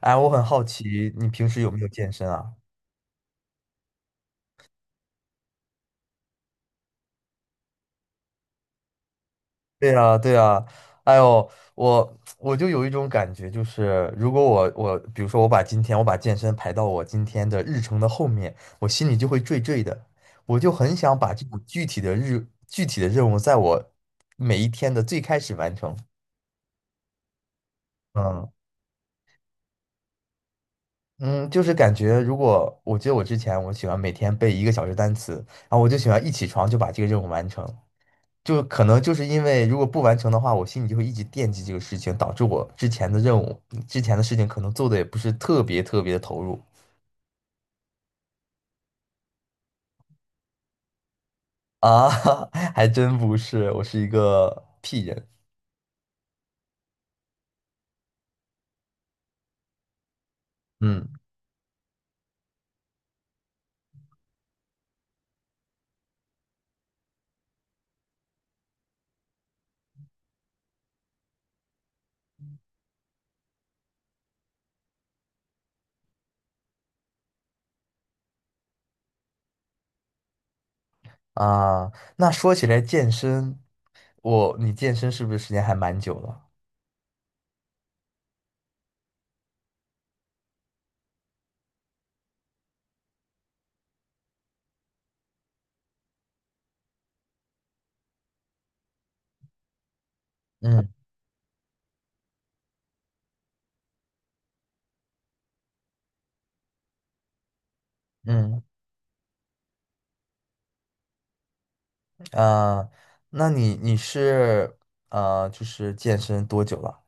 哎，我很好奇，你平时有没有健身啊？对呀，对呀，哎呦，我就有一种感觉，就是如果我，比如说我把健身排到我今天的日程的后面，我心里就会坠坠的，我就很想把这种具体的任务，在我每一天的最开始完成。嗯嗯，就是感觉如果我觉得我之前我喜欢每天背1个小时单词，然后我就喜欢一起床就把这个任务完成。就可能就是因为如果不完成的话，我心里就会一直惦记这个事情，导致我之前的任务、之前的事情可能做的也不是特别特别的投入。啊，还真不是，我是一个屁人。嗯啊，那说起来健身，你健身是不是时间还蛮久了？嗯嗯啊，那你就是健身多久了？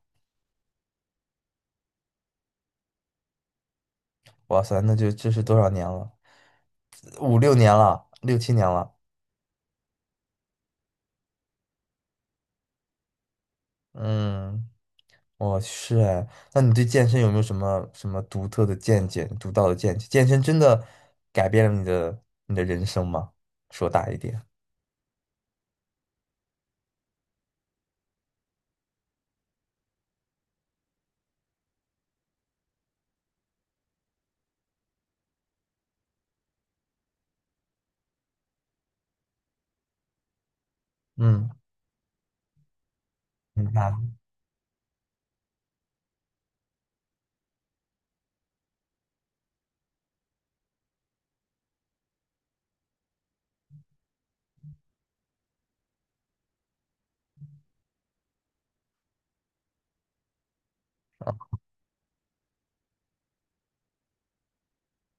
哇塞，那就这是多少年了？五六年了，六七年了，嗯。哦，是哎。那你对健身有没有什么什么独特的见解、独到的见解？健身真的改变了你的人生吗？说大一点。嗯，明白。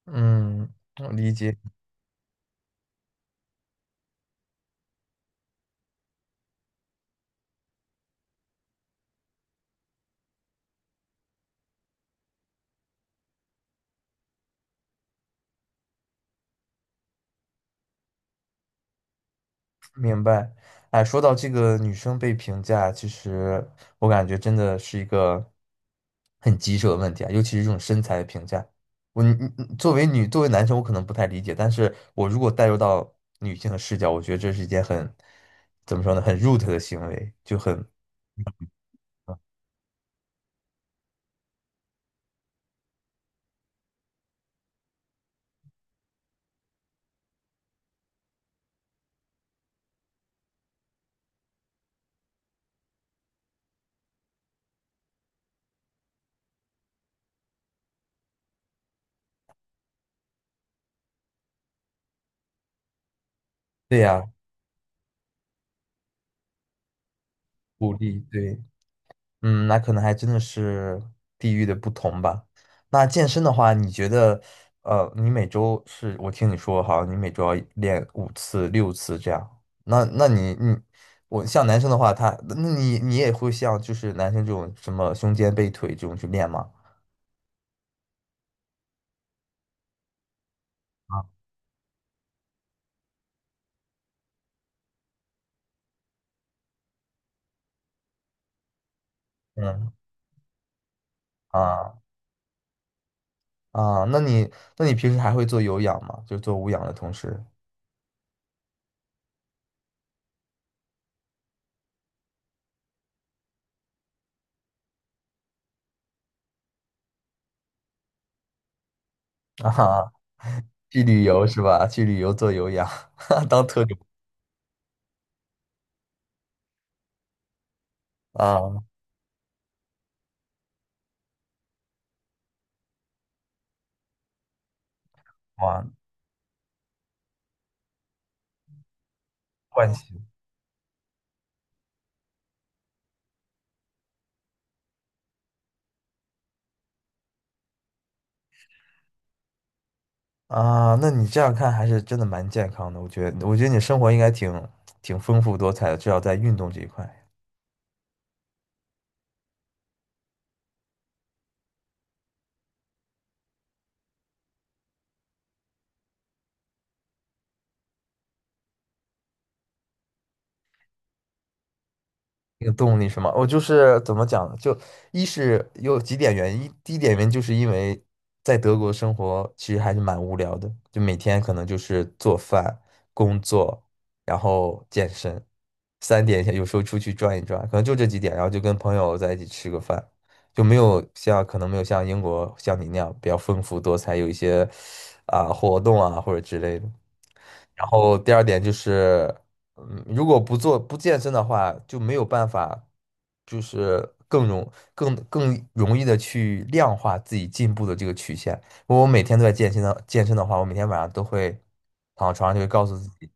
嗯，我理解。明白。哎，说到这个女生被评价，其实我感觉真的是一个很棘手的问题啊，尤其是这种身材的评价。你作为女，作为男生，我可能不太理解，但是我如果带入到女性的视角，我觉得这是一件很，怎么说呢，很 root 的行为，就很，对呀，鼓励，对。嗯，那可能还真的是地域的不同吧。那健身的话，你觉得，你每周是，我听你说，好像你每周要练5次、6次这样。那你也会像就是男生这种什么胸肩背腿这种去练吗？啊，嗯，啊啊，那你平时还会做有氧吗？就做无氧的同时。啊，去旅游是吧？去旅游做有氧。当特种啊，哇，惯性。啊，那你这样看还是真的蛮健康的，我觉得，你生活应该挺丰富多彩的，至少在运动这一块。那个动力是吗？我就是怎么讲呢？就一是有几点原因，第一点原因就是因为在德国生活其实还是蛮无聊的，就每天可能就是做饭、工作，然后健身，三点有时候出去转一转，可能就这几点，然后就跟朋友在一起吃个饭，就没有像可能没有像英国像你那样比较丰富多彩，有一些啊、活动啊或者之类的。然后第二点就是。嗯，如果不健身的话，就没有办法，就是更容易的去量化自己进步的这个曲线。如果我每天都在健身的话，我每天晚上都会躺到床上就会告诉自己。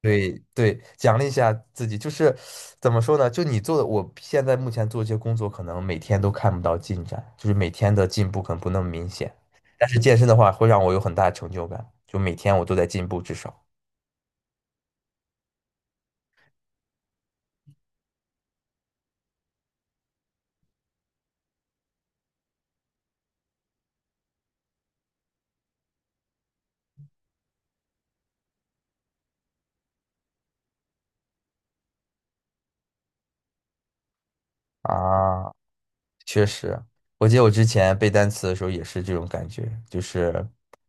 对对，奖励一下自己。就是怎么说呢？就你做的，我现在目前做这些工作，可能每天都看不到进展，就是每天的进步可能不那么明显。但是健身的话，会让我有很大的成就感，就每天我都在进步，至少啊。确实，我记得我之前背单词的时候也是这种感觉，就是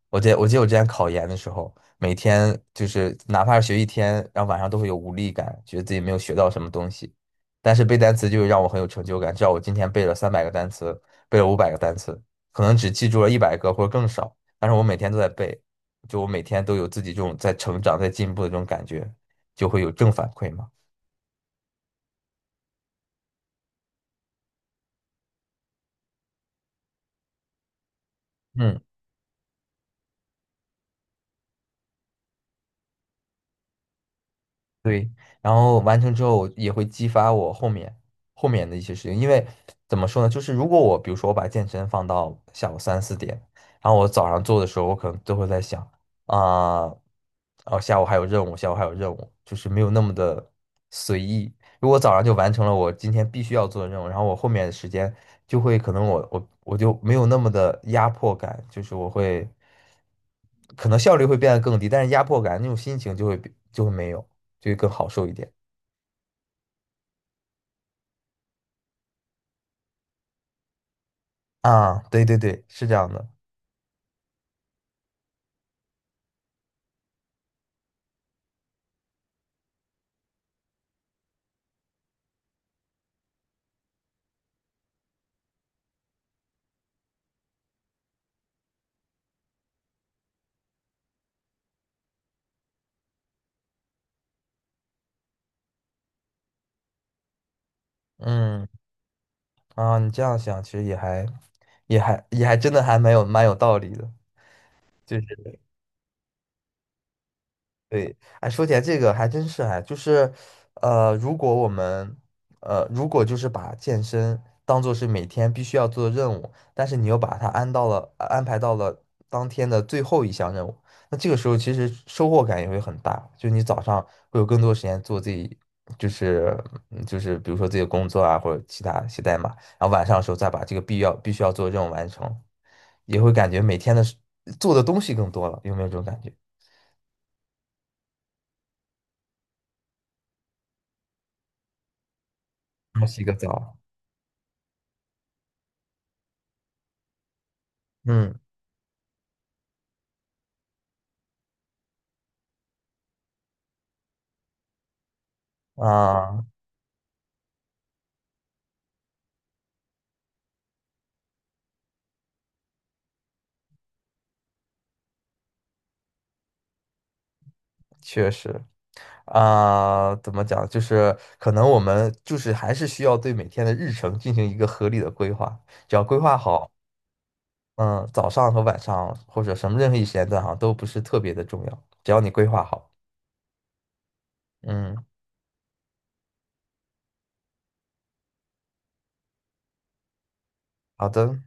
我记得我之前考研的时候，每天就是哪怕是学一天，然后晚上都会有无力感，觉得自己没有学到什么东西。但是背单词就让我很有成就感，知道我今天背了300个单词，背了500个单词，可能只记住了100个或者更少，但是我每天都在背，就我每天都有自己这种在成长、在进步的这种感觉，就会有正反馈嘛。嗯。对，然后完成之后，也会激发我后面的一些事情。因为怎么说呢，就是如果我比如说我把健身放到下午3、4点，然后我早上做的时候，我可能都会在想啊，哦，下午还有任务，下午还有任务，就是没有那么的随意。如果早上就完成了我今天必须要做的任务，然后我后面的时间就会可能我就没有那么的压迫感，就是我会可能效率会变得更低，但是压迫感那种心情就会没有，就会更好受一点啊。对对对，是这样的。嗯啊，你这样想其实也还真的还蛮有道理的。就。对。哎，说起来这个还真是哎，就是，如果我们，如果就是把健身当做是每天必须要做的任务，但是你又把它安排到了当天的最后一项任务，那这个时候其实收获感也会很大，就你早上会有更多时间做自己，就是就是比如说自己的工作啊，或者其他写代码，然后晚上的时候再把这个必须要做的任务完成，也会感觉每天的事做的东西更多了，有没有这种感觉？冲洗个澡。嗯啊，确实啊，怎么讲？就是可能我们就是还是需要对每天的日程进行一个合理的规划，只要规划好。嗯，早上和晚上或者什么任何一时间段哈，都不是特别的重要，只要你规划好。嗯，好的。